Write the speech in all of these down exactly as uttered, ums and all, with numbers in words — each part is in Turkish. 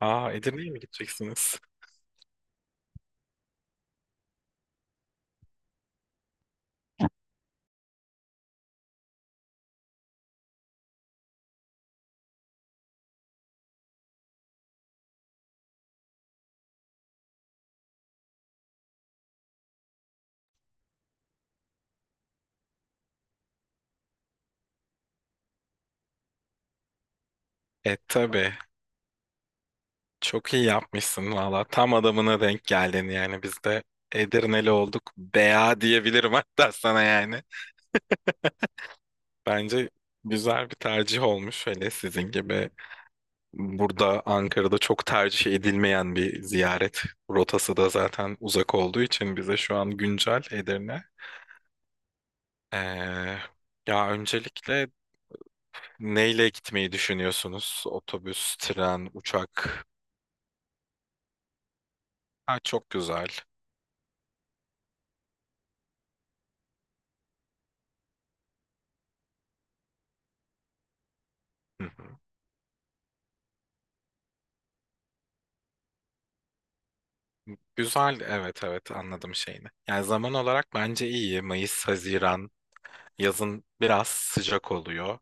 Aa Edirne'ye mi gideceksiniz? E tabii. Çok iyi yapmışsın valla. Tam adamına denk geldin yani. Biz de Edirneli olduk. Bea diyebilirim hatta sana yani. Bence güzel bir tercih olmuş. Hele sizin gibi burada Ankara'da çok tercih edilmeyen bir ziyaret rotası da zaten uzak olduğu için bize şu an güncel Edirne. Ee, Ya öncelikle neyle gitmeyi düşünüyorsunuz? Otobüs, tren, uçak. Ha, çok güzel. Hı hı. Güzel, evet evet anladım şeyini. Yani zaman olarak bence iyi. Mayıs, Haziran, yazın biraz sıcak oluyor.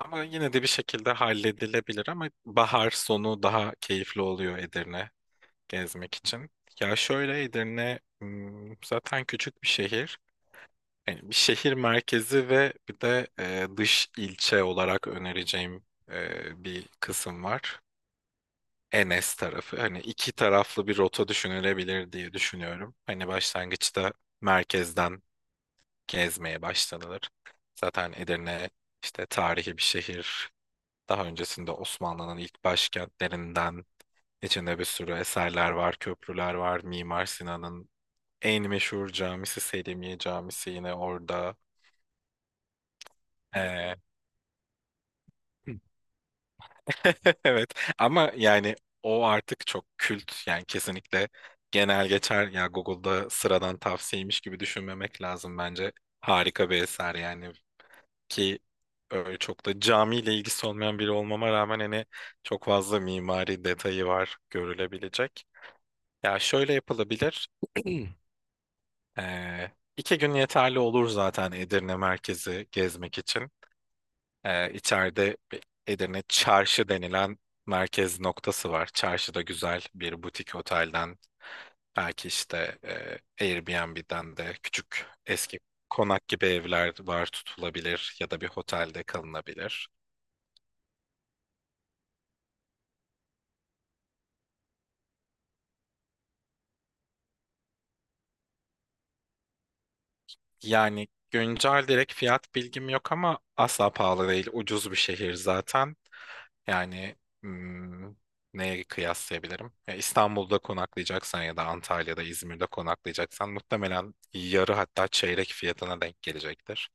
Ama yine de bir şekilde halledilebilir, ama bahar sonu daha keyifli oluyor Edirne gezmek için. Ya şöyle Edirne hmm, zaten küçük bir şehir. Yani bir şehir merkezi ve bir de e, dış ilçe olarak önereceğim e, bir kısım var. Enes tarafı. Hani iki taraflı bir rota düşünülebilir diye düşünüyorum. Hani başlangıçta merkezden gezmeye başlanılır. Zaten Edirne işte tarihi bir şehir. Daha öncesinde Osmanlı'nın ilk başkentlerinden, içinde bir sürü eserler var, köprüler var. Mimar Sinan'ın en meşhur camisi Selimiye Camisi yine orada. Ee, Evet, ama yani o artık çok kült yani, kesinlikle genel geçer ya Google'da sıradan tavsiyeymiş gibi düşünmemek lazım bence. Harika bir eser yani, ki öyle çok da camiyle ilgisi olmayan biri olmama rağmen hani çok fazla mimari detayı var görülebilecek. Ya şöyle yapılabilir. Ee, iki gün yeterli olur zaten Edirne merkezi gezmek için. Ee, içeride bir Edirne Çarşı denilen merkez noktası var. Çarşıda güzel bir butik otelden, belki işte e, Airbnb'den de küçük eski konak gibi evler var, tutulabilir ya da bir otelde kalınabilir. Yani güncel direkt fiyat bilgim yok ama asla pahalı değil. Ucuz bir şehir zaten. Yani hmm, neye kıyaslayabilirim? Ya İstanbul'da konaklayacaksan ya da Antalya'da, İzmir'de konaklayacaksan, muhtemelen yarı hatta çeyrek fiyatına denk gelecektir.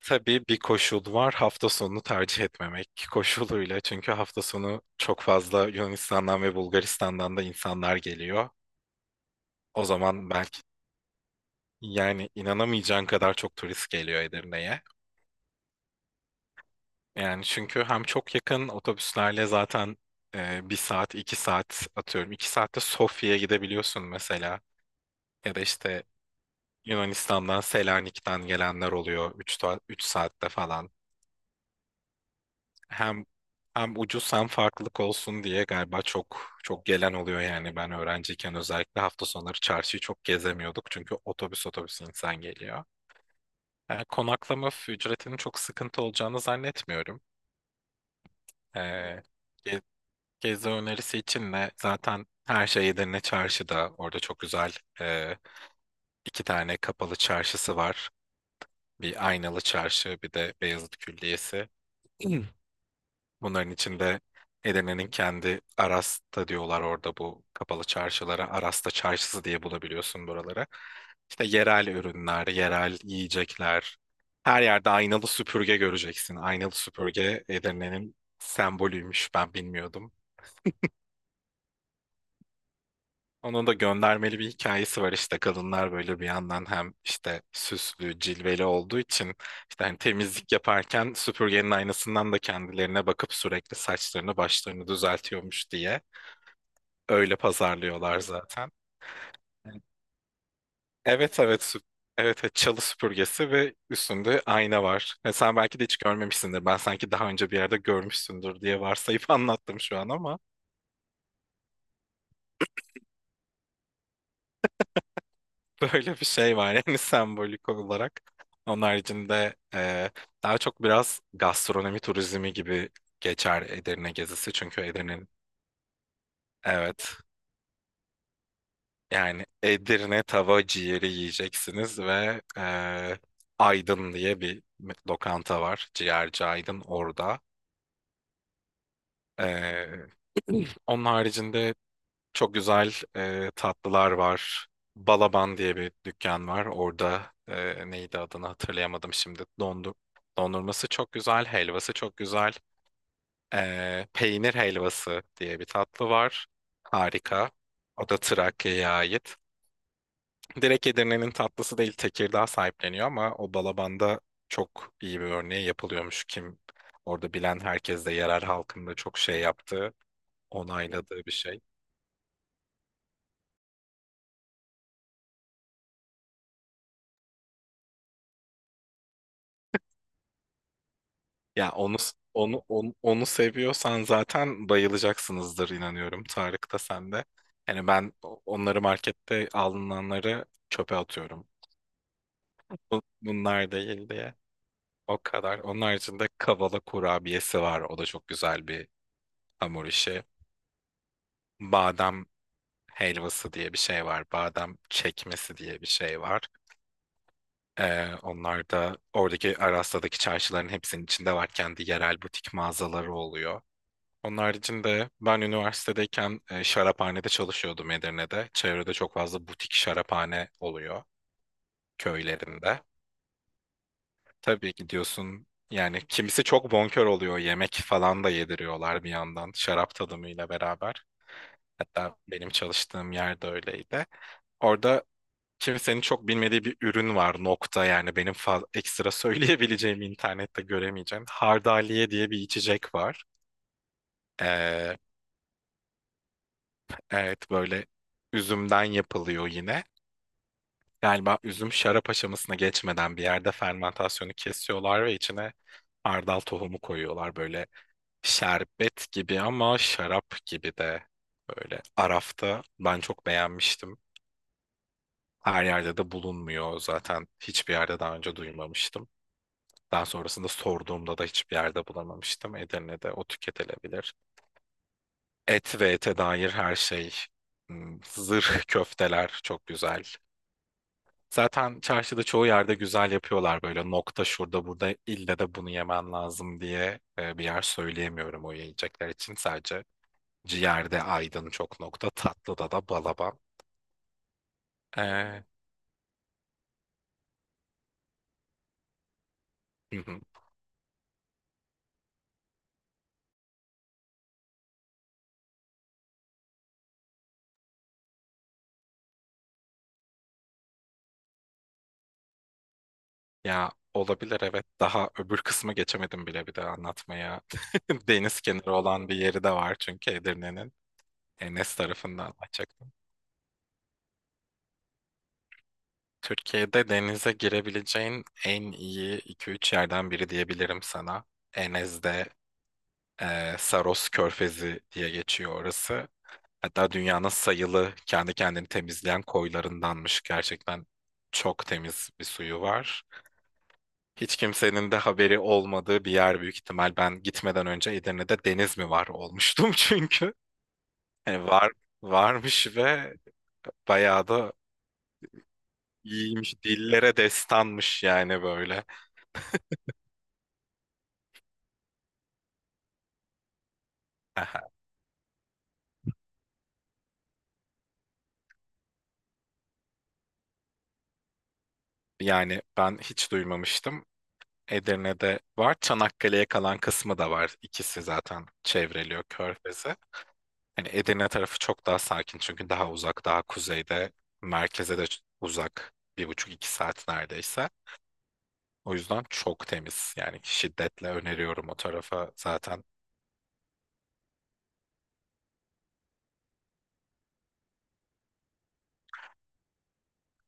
Tabii bir koşul var, hafta sonunu tercih etmemek koşuluyla. Çünkü hafta sonu çok fazla Yunanistan'dan ve Bulgaristan'dan da insanlar geliyor. O zaman belki, yani inanamayacağın kadar çok turist geliyor Edirne'ye. Yani çünkü hem çok yakın, otobüslerle zaten e, bir saat, iki saat atıyorum. iki saatte Sofya'ya gidebiliyorsun mesela. Ya da işte Yunanistan'dan, Selanik'ten gelenler oluyor. Üç, ta- üç saatte falan. Hem hem ucuz hem farklılık olsun diye galiba çok çok gelen oluyor yani. Ben öğrenciyken özellikle hafta sonları çarşıyı çok gezemiyorduk. Çünkü otobüs otobüs insan geliyor. E, konaklama ücretinin çok sıkıntı olacağını zannetmiyorum. E, Gezi önerisi için de zaten her şey Edirne Çarşı'da. Orada çok güzel e, iki tane kapalı çarşısı var. Bir Aynalı Çarşı, bir de Beyazıt Külliyesi. Hmm. Bunların içinde Edirne'nin kendi, Arasta diyorlar orada bu kapalı çarşılara. Arasta Çarşısı diye bulabiliyorsun buraları. İşte yerel ürünler, yerel yiyecekler. Her yerde aynalı süpürge göreceksin. Aynalı süpürge Edirne'nin sembolüymüş. Ben bilmiyordum. Onun da göndermeli bir hikayesi var, işte kadınlar böyle bir yandan hem işte süslü, cilveli olduğu için, işte hani temizlik yaparken süpürgenin aynasından da kendilerine bakıp sürekli saçlarını başlarını düzeltiyormuş diye öyle pazarlıyorlar zaten. Evet evet, süp- evet evet, çalı süpürgesi ve üstünde ayna var. E, sen belki de hiç görmemişsindir. Ben sanki daha önce bir yerde görmüşsündür diye varsayıp anlattım şu an ama. Böyle bir şey var yani sembolik olarak. Onun haricinde e, daha çok biraz gastronomi turizmi gibi geçer Edirne gezisi. Çünkü Edirne'nin, evet yani Edirne tava ciğeri yiyeceksiniz ve e, Aydın diye bir lokanta var. Ciğerci Aydın orada. E, Onun haricinde çok güzel e, tatlılar var. Balaban diye bir dükkan var. Orada e, neydi adını hatırlayamadım şimdi. Dondur dondurması çok güzel, helvası çok güzel. E, peynir helvası diye bir tatlı var. Harika. O da Trakya'ya ait. Direkt Edirne'nin tatlısı değil, Tekirdağ sahipleniyor, ama o Balaban'da çok iyi bir örneği yapılıyormuş. Kim orada bilen, herkes de yerel halkın da çok şey yaptığı, onayladığı bir şey. Ya onu onu onu, onu seviyorsan zaten bayılacaksınızdır inanıyorum. Tarık da sen de. Yani ben o- onları, markette alınanları çöpe atıyorum. Bu- Bunlar değil diye. O kadar. Onun haricinde kavala kurabiyesi var. O da çok güzel bir hamur işi. Badem helvası diye bir şey var. Badem çekmesi diye bir şey var. Ee, onlar da oradaki Aras'taki çarşıların hepsinin içinde var. Kendi yerel butik mağazaları oluyor. Onun haricinde ben üniversitedeyken e, şaraphanede çalışıyordum Edirne'de. Çevrede çok fazla butik şaraphane oluyor köylerinde. Tabii gidiyorsun yani, kimisi çok bonkör oluyor. Yemek falan da yediriyorlar bir yandan şarap tadımıyla beraber. Hatta benim çalıştığım yerde öyleydi. Orada kimsenin çok bilmediği bir ürün var nokta, yani benim fa- ekstra söyleyebileceğim, internette göremeyeceğim. Hardaliye diye bir içecek var. Ee, Evet, böyle üzümden yapılıyor yine. Galiba üzüm şarap aşamasına geçmeden bir yerde fermentasyonu kesiyorlar ve içine hardal tohumu koyuyorlar. Böyle şerbet gibi ama şarap gibi de, böyle Araf'ta. Ben çok beğenmiştim. Her yerde de bulunmuyor zaten, hiçbir yerde daha önce duymamıştım. Daha sonrasında sorduğumda da hiçbir yerde bulamamıştım. Edirne'de o tüketilebilir. Et ve ete dair her şey. Hmm, Zırh köfteler çok güzel. Zaten çarşıda çoğu yerde güzel yapıyorlar, böyle nokta şurada burada ille de bunu yemen lazım diye e, bir yer söyleyemiyorum o yiyecekler için. Sadece ciğerde Aydın çok nokta, tatlıda da Balaban. E, hı hı. Ya olabilir, evet, daha öbür kısmı geçemedim bile bir de anlatmaya. Deniz kenarı olan bir yeri de var çünkü Edirne'nin. Enes tarafından açacaktım. Türkiye'de denize girebileceğin en iyi iki üç yerden biri diyebilirim sana. Enes'de Ee, Saros Körfezi diye geçiyor orası. Hatta dünyanın sayılı kendi kendini temizleyen koylarındanmış. Gerçekten çok temiz bir suyu var. Hiç kimsenin de haberi olmadığı bir yer büyük ihtimal. Ben gitmeden önce, Edirne'de deniz mi var, olmuştum çünkü. Yani var varmış ve bayağı da iyiymiş. Dillere destanmış yani böyle. Aha. Yani ben hiç duymamıştım. Edirne'de var. Çanakkale'ye kalan kısmı da var. İkisi zaten çevreliyor Körfez'i. Hani Edirne tarafı çok daha sakin, çünkü daha uzak, daha kuzeyde. Merkeze de ç- uzak. Bir buçuk iki saat neredeyse. O yüzden çok temiz. Yani şiddetle öneriyorum o tarafa zaten.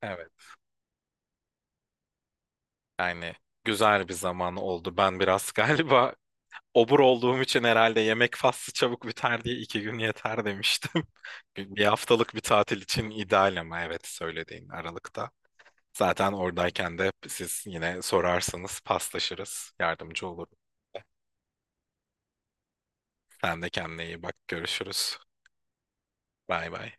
Evet. Yani güzel bir zaman oldu. Ben biraz galiba obur olduğum için herhalde, yemek faslı çabuk biter diye iki gün yeter demiştim. Bir haftalık bir tatil için ideal, ama evet söylediğin Aralık'ta. Zaten oradayken de siz yine sorarsanız paslaşırız. Yardımcı olurum. Sen de kendine iyi bak. Görüşürüz. Bay bay.